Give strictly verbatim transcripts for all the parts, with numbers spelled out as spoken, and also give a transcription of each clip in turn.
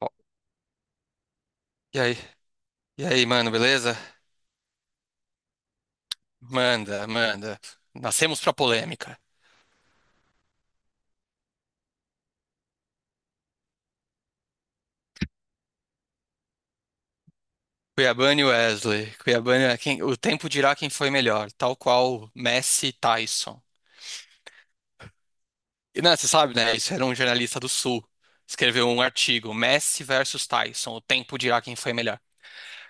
Ó. E aí? E aí, mano, beleza? Manda, manda. Nascemos pra polêmica. Cuiabano e Wesley. Cuiabano é quem, o tempo dirá quem foi melhor, tal qual Messi e Tyson. E não, você sabe, né? Isso era um jornalista do Sul. Escreveu um artigo, Messi versus Tyson, o tempo dirá quem foi melhor.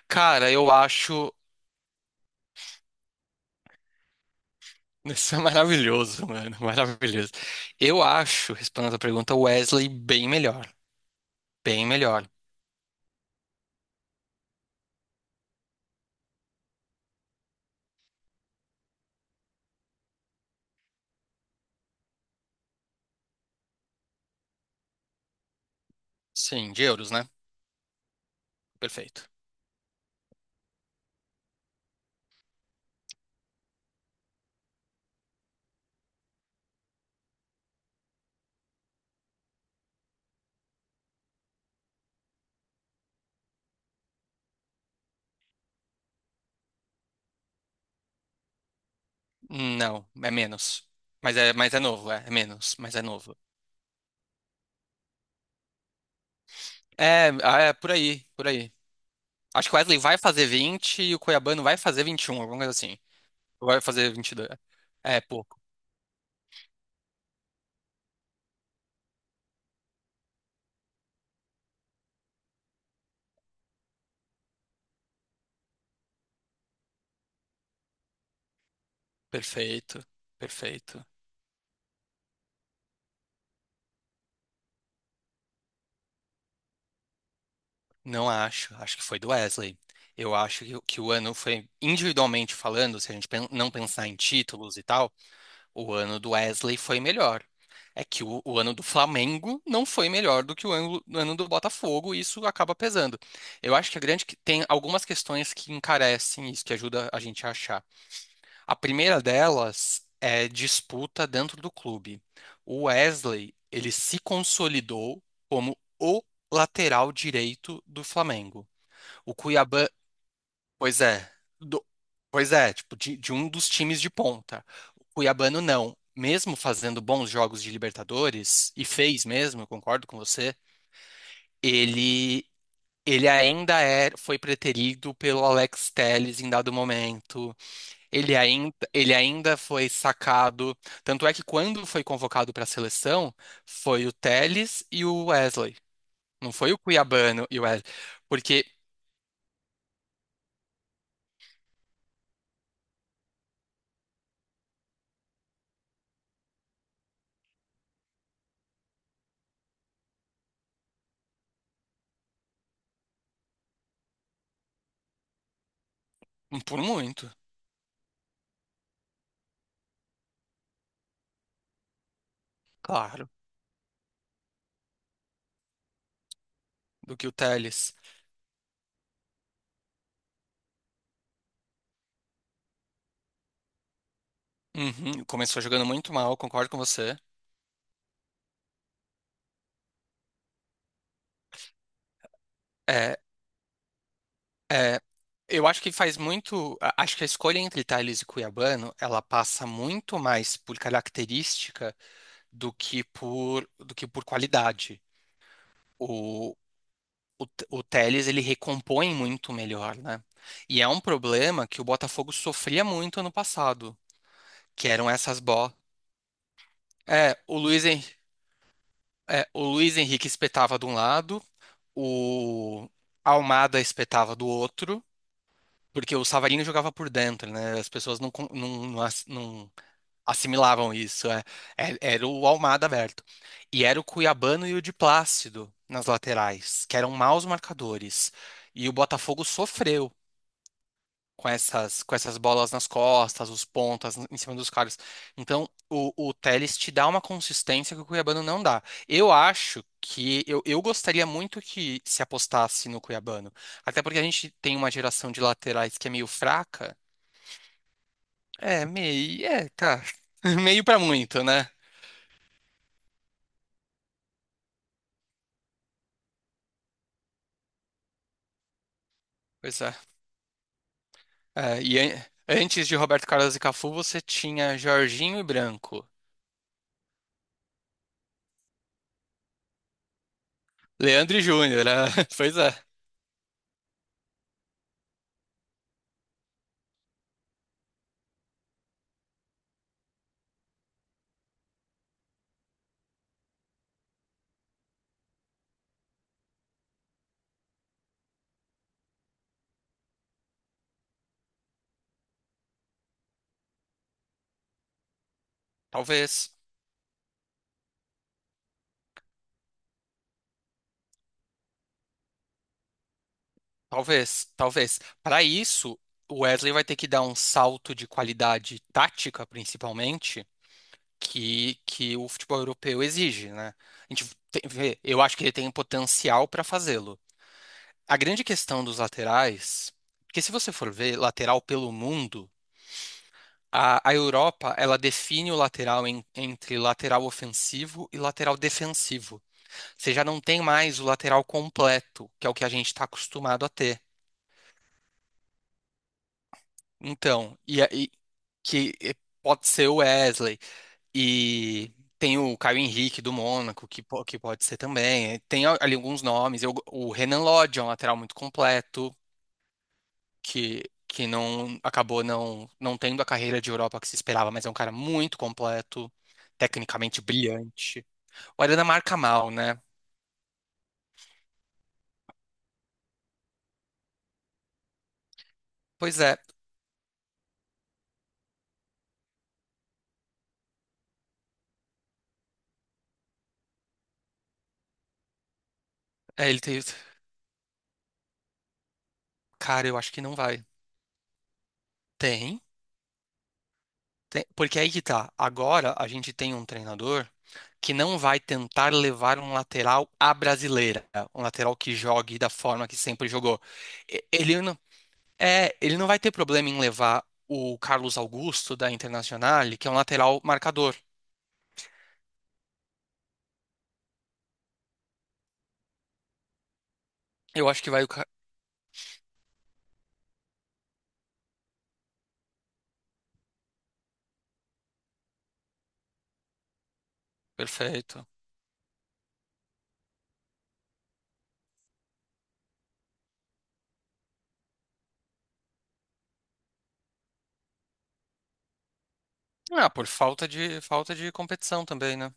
Cara, eu acho. Isso é maravilhoso, mano. Maravilhoso. Eu acho, respondendo a pergunta, o Wesley bem melhor. Bem melhor. Sim, de euros, né? Perfeito. Não, é menos. Mas é, mas é novo, é, é menos, mas é novo. É, ah, é por aí, por aí. Acho que o Wesley vai fazer vinte e o Cuiabano vai fazer vinte e um, alguma coisa assim. Ou vai fazer vinte e dois. É pouco. Perfeito, perfeito. Não acho, acho que foi do Wesley. Eu acho que, o que o ano foi, individualmente falando, se a gente pen- não pensar em títulos e tal, o ano do Wesley foi melhor. É que o, o ano do Flamengo não foi melhor do que o ano, o ano do Botafogo, e isso acaba pesando. Eu acho que a grande que tem algumas questões que encarecem isso, que ajuda a gente a achar. A primeira delas é disputa dentro do clube. O Wesley, ele se consolidou como o lateral direito do Flamengo. O Cuiabá. Pois é. Do- Pois é, tipo, de, de um dos times de ponta. O Cuiabano não. Mesmo fazendo bons jogos de Libertadores, e fez mesmo, eu concordo com você, ele, ele ainda é, foi preterido pelo Alex Telles em dado momento. Ele ainda, ele ainda foi sacado. Tanto é que quando foi convocado para a seleção, foi o Telles e o Wesley. Não foi o Cuiabano e o Wesley. Porque, por muito, claro, do que o Telles. Uhum. Começou jogando muito mal, concordo com você. É, é, eu acho que faz muito. a- Acho que a escolha entre Tales e Cuiabano, ela passa muito mais por característica do que por do que por qualidade. O, o, T- o Telles, ele recompõe muito melhor, né? E é um problema que o Botafogo sofria muito ano passado, que eram essas bo... É, o Luiz, Hen- é, o Luiz Henrique espetava de um lado, o Almada espetava do outro. Porque o Savarino jogava por dentro, né? As pessoas não, con- não, não ass- não assimilavam isso. É. É- Era o Almada aberto. E era o Cuiabano e o de Plácido nas laterais, que eram maus marcadores. E o Botafogo sofreu com essas, com essas bolas nas costas, os pontas em cima dos caras. Então, o, o Telles te dá uma consistência que o Cuiabano não dá. Eu acho que eu, eu gostaria muito que se apostasse no Cuiabano. Até porque a gente tem uma geração de laterais que é meio fraca. É, meio. É, tá. Meio pra muito, né? Pois é. É, e an- antes de Roberto Carlos e Cafu, você tinha Jorginho e Branco. Leandro e Júnior, né? Pois é. Talvez. Talvez. Talvez. Para isso, o Wesley vai ter que dar um salto de qualidade tática, principalmente, que, que o futebol europeu exige, né? A gente tem- vê, eu acho que ele tem potencial para fazê-lo. A grande questão dos laterais, porque se você for ver lateral pelo mundo. A, a Europa, ela define o lateral em- entre lateral ofensivo e lateral defensivo. Você já não tem mais o lateral completo, que é o que a gente está acostumado a ter. Então, e, aí que e pode ser o Wesley, e tem o Caio Henrique do Mônaco, que, po- que pode ser também. Tem a- ali alguns nomes. Eu- o Renan Lodge é um lateral muito completo, que, que não acabou não, não tendo a carreira de Europa que se esperava, mas é um cara muito completo, tecnicamente brilhante. Olha na marca mal, né? Pois é. É, ele tem. Cara, eu acho que não vai. Tem, tem. Porque aí que tá. Agora a gente tem um treinador que não vai tentar levar um lateral à brasileira. Um lateral que jogue da forma que sempre jogou. E- Ele não, é, ele não vai ter problema em levar o Carlos Augusto da Internazionale, que é um lateral marcador. Eu acho que vai o. Ca- Perfeito. Ah, por falta de, falta de competição também, né?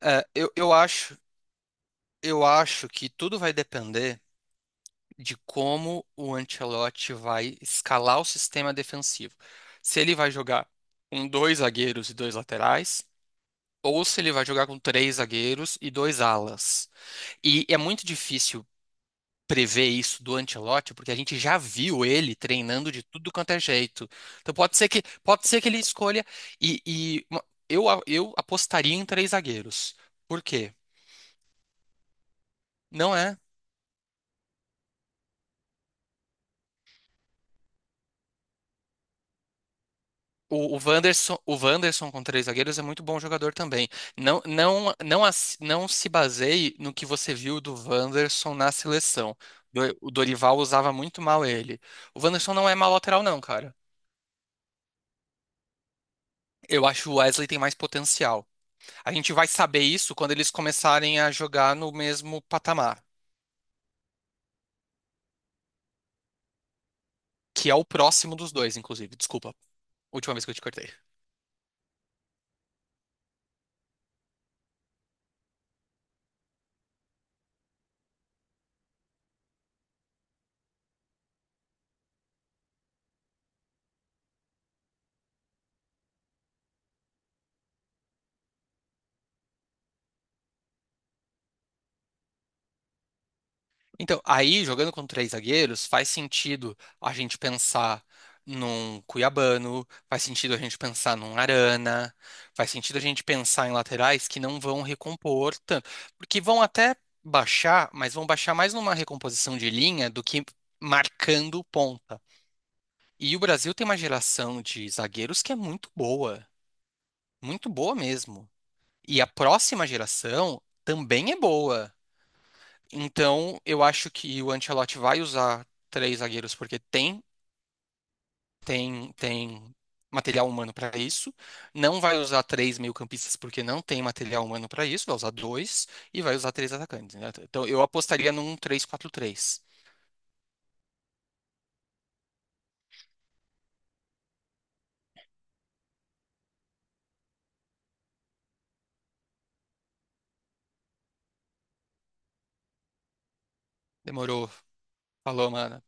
É, eu, eu acho, eu acho que tudo vai depender de como o Ancelotti vai escalar o sistema defensivo. Se ele vai jogar com dois zagueiros e dois laterais, ou se ele vai jogar com três zagueiros e dois alas. E é muito difícil prever isso do Ancelotti, porque a gente já viu ele treinando de tudo quanto é jeito. Então pode ser que pode ser que ele escolha e, e uma- eu, eu apostaria em três zagueiros. Por quê? Não é. O, o Wanderson, o Wanderson com três zagueiros é muito bom jogador também. Não, não, não, as- não se baseie no que você viu do Wanderson na seleção. Do- O Dorival usava muito mal ele. O Wanderson não é má lateral, não, cara. Eu acho que o Wesley tem mais potencial. A gente vai saber isso quando eles começarem a jogar no mesmo patamar, que é o próximo dos dois, inclusive. Desculpa, última vez que eu te cortei. Então, aí, jogando com três zagueiros, faz sentido a gente pensar num Cuiabano, faz sentido a gente pensar num Arana, faz sentido a gente pensar em laterais que não vão recompor tanto, porque vão até baixar, mas vão baixar mais numa recomposição de linha do que marcando ponta. E o Brasil tem uma geração de zagueiros que é muito boa, muito boa mesmo. E a próxima geração também é boa. Então, eu acho que o Ancelotti vai usar três zagueiros porque tem, tem, tem material humano para isso. Não vai usar três meio-campistas porque não tem material humano para isso. Vai usar dois e vai usar três atacantes, né? Então, eu apostaria num três quatro três. Demorou. Falou, mano.